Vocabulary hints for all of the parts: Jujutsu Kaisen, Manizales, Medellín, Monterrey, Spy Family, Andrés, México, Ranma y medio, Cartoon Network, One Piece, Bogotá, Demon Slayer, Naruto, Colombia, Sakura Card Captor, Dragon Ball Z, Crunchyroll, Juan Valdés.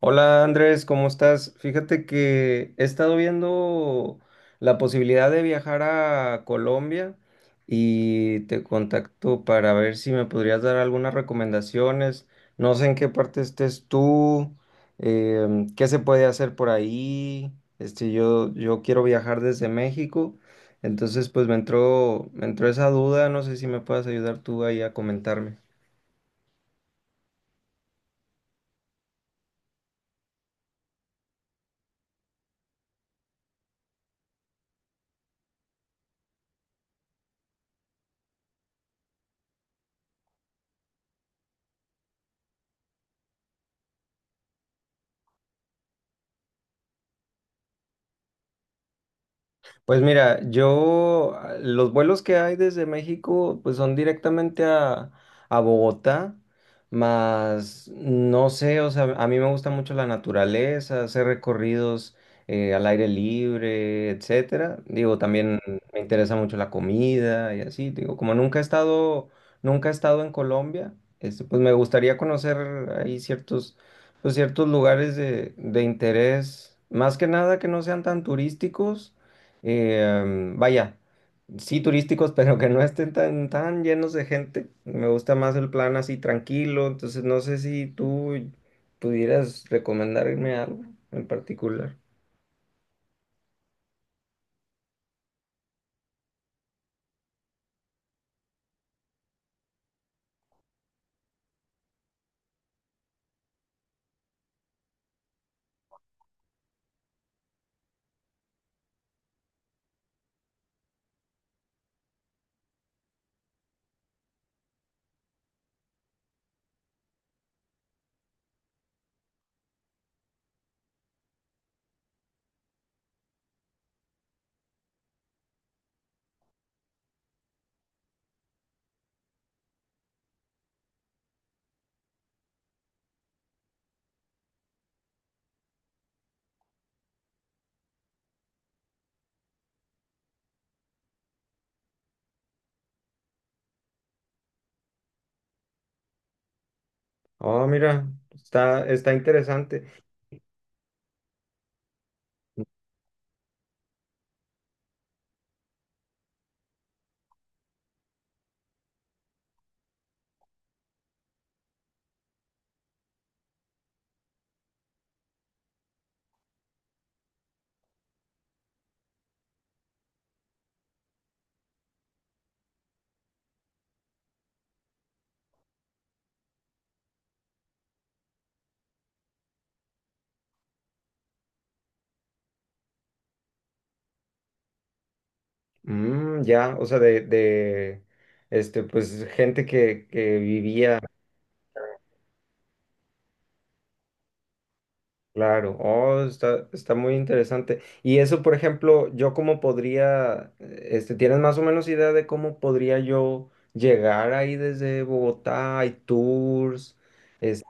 Hola Andrés, ¿cómo estás? Fíjate que he estado viendo la posibilidad de viajar a Colombia y te contacto para ver si me podrías dar algunas recomendaciones. No sé en qué parte estés tú, qué se puede hacer por ahí. Yo quiero viajar desde México, entonces pues me entró esa duda, no sé si me puedas ayudar tú ahí a comentarme. Pues mira, yo los vuelos que hay desde México pues son directamente a Bogotá, más no sé, o sea, a mí me gusta mucho la naturaleza, hacer recorridos al aire libre, etcétera. Digo, también me interesa mucho la comida y así. Digo, como nunca he estado en Colombia, pues me gustaría conocer ahí pues, ciertos lugares de interés, más que nada que no sean tan turísticos vaya, sí turísticos, pero que no estén tan llenos de gente. Me gusta más el plan así tranquilo, entonces no sé si tú pudieras recomendarme algo en particular. Oh, mira, está interesante. Mm, ya, o sea, de pues gente que vivía. Claro, oh, está muy interesante. Y eso, por ejemplo, yo cómo podría, este, ¿tienes más o menos idea de cómo podría yo llegar ahí desde Bogotá? Hay tours. es-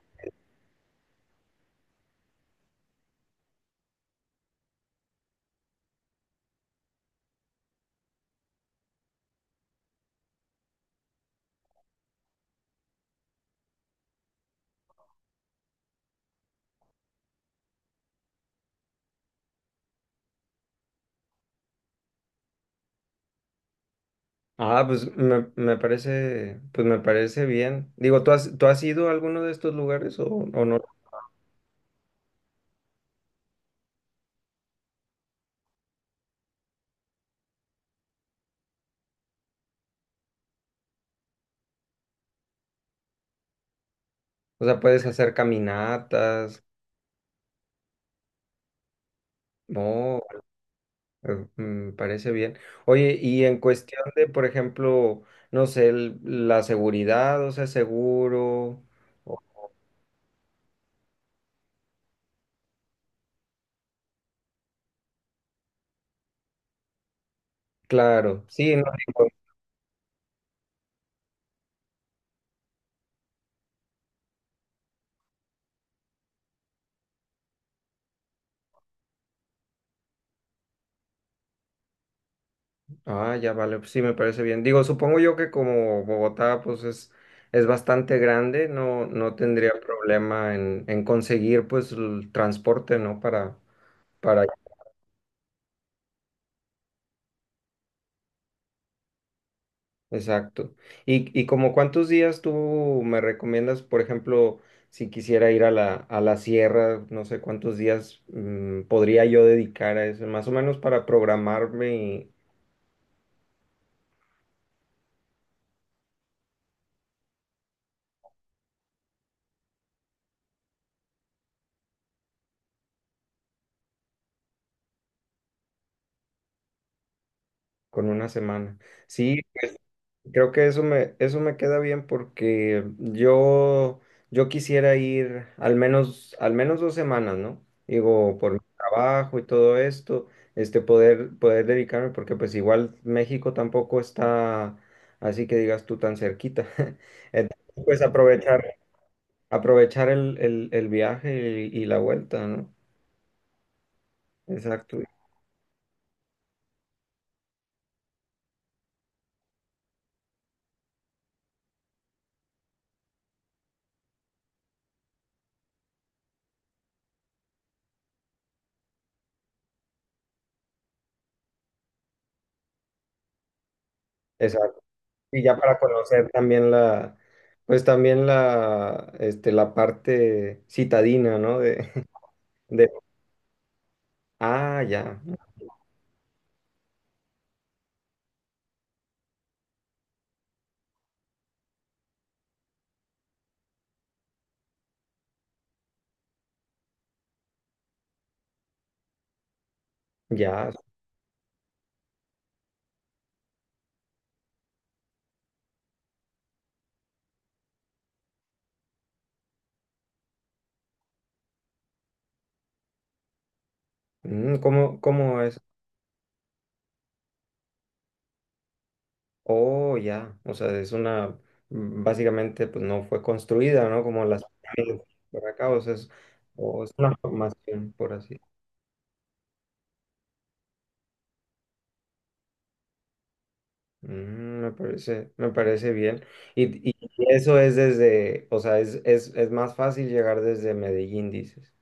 ah, pues me parece, pues me parece bien. Digo, tú has ido a alguno de estos lugares o no? O sea, puedes hacer caminatas. No. Me parece bien. Oye, y en cuestión de, por ejemplo, no sé, la seguridad, o sea, seguro. o- Claro, sí, no digo. Ah, ya vale, pues sí, me parece bien. Digo, supongo yo que como Bogotá, es bastante grande, no tendría problema en conseguir, pues, el transporte, ¿no? Para. Exacto. Y como cuántos días tú me recomiendas, por ejemplo, si quisiera ir a a la sierra, no sé cuántos días podría yo dedicar a eso, más o menos para programarme con 1 semana? Sí, creo que eso me queda bien porque yo quisiera ir al menos 2 semanas, ¿no? Digo, por mi trabajo y todo esto, este, poder dedicarme, porque pues igual México tampoco está así que digas tú tan cerquita. Entonces, pues aprovechar el viaje y la vuelta, ¿no? Exacto. Exacto. Y ya para conocer también pues también la, este, la parte citadina, ¿no? De, de, ah, ya, mm, cómo es? Oh, ya, o sea, es una, mm, básicamente, pues no fue construida, ¿no? Como las pirámides por acá, o sea, es, o es una formación, por así. Mm, me parece bien. Y eso es desde, o sea, es más fácil llegar desde Medellín, dices,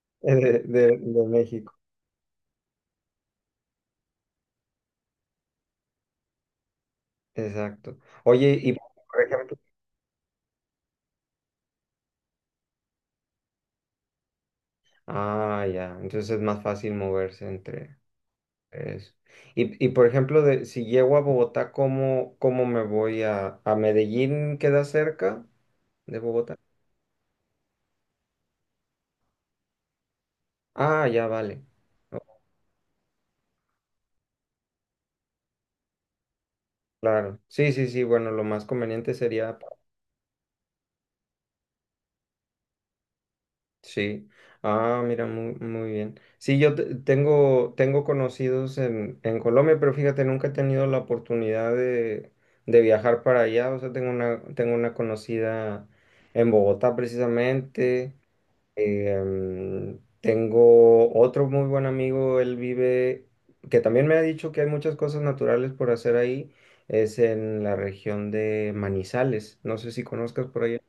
de de México. Exacto. Oye, y por ejemplo, ah, ya, entonces es más fácil moverse entre eso. Y por ejemplo, de, si llego a Bogotá, cómo me voy a Medellín? ¿Queda cerca de Bogotá? Ah, ya, vale. Oh, claro. Sí, sí, sí, bueno, lo más conveniente sería. Sí. Ah, mira, muy bien. Sí, yo tengo, tengo conocidos en Colombia, pero fíjate, nunca he tenido la oportunidad de viajar para allá. O sea, tengo una conocida en Bogotá precisamente. Tengo otro muy buen amigo, él vive, que también me ha dicho que hay muchas cosas naturales por hacer ahí. Es en la región de Manizales. No sé si conozcas por allá.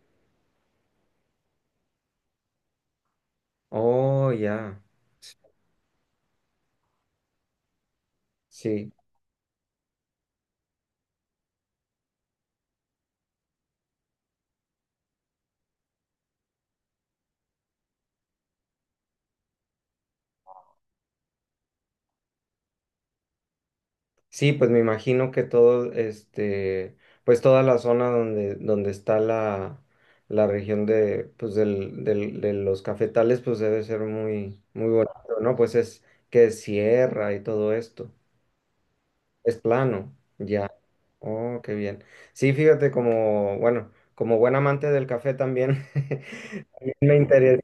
Oh, ya. Sí. Sí, pues me imagino que todo, este, pues toda la zona donde, donde está la región de, pues de los cafetales, pues debe ser muy bonito, ¿no? Pues es que es sierra y todo esto. Es plano, ya. Oh, qué bien. Sí, fíjate, como, bueno, como buen amante del café también, me interesó.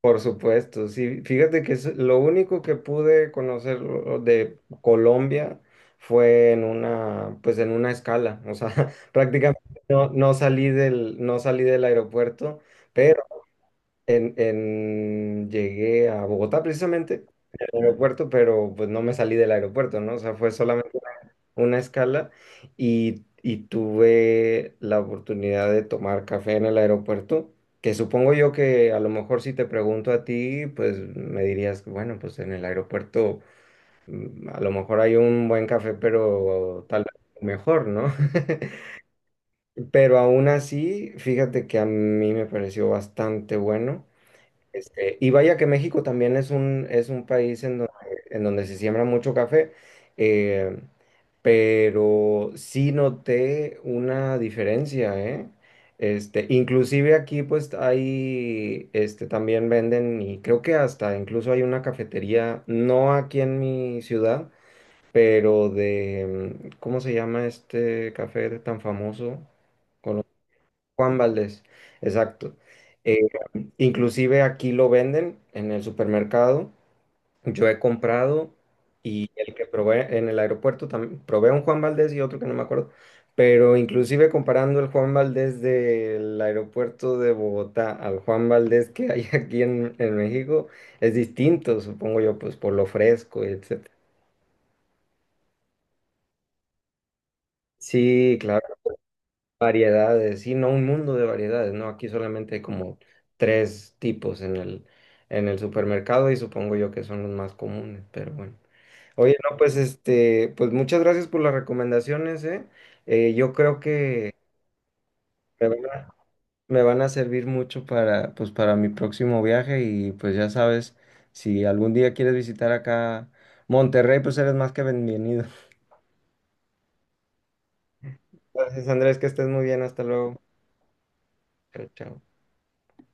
Por supuesto, sí. Fíjate que es lo único que pude conocer de Colombia fue en una, pues en una escala. O sea, prácticamente no salí del, no salí del aeropuerto, pero llegué a Bogotá precisamente, al aeropuerto, pero pues no me salí del aeropuerto, ¿no? O sea, fue solamente una escala y tuve la oportunidad de tomar café en el aeropuerto, que supongo yo que a lo mejor si te pregunto a ti, pues me dirías, bueno, pues en el aeropuerto mm, a lo mejor hay un buen café, pero tal vez mejor, ¿no? Pero aún así, fíjate que a mí me pareció bastante bueno. Este, y vaya que México también es un país en donde se siembra mucho café. Eh, pero sí noté una diferencia, ¿eh? Este, inclusive aquí pues hay, este, también venden y creo que hasta incluso hay una cafetería, no aquí en mi ciudad, pero de, mm, ¿cómo se llama este café tan famoso? Con Juan Valdés, exacto. Eh, inclusive aquí lo venden en el supermercado, yo he comprado, y el que probé en el aeropuerto también, probé un Juan Valdez y otro que no me acuerdo, pero inclusive comparando el Juan Valdez del aeropuerto de Bogotá al Juan Valdez que hay aquí en México, es distinto, supongo yo, pues por lo fresco y etcétera. Sí, claro, variedades, sí, no un mundo de variedades, ¿no? Aquí solamente hay como 3 tipos en el supermercado y supongo yo que son los más comunes, pero bueno. Oye, no, pues este, pues muchas gracias por las recomendaciones, ¿eh? Yo creo que me van a, me van a servir mucho para, pues, para mi próximo viaje y pues ya sabes, si algún día quieres visitar acá Monterrey, pues eres más que bienvenido. Gracias, Andrés, que estés muy bien, hasta luego. Chao, chao.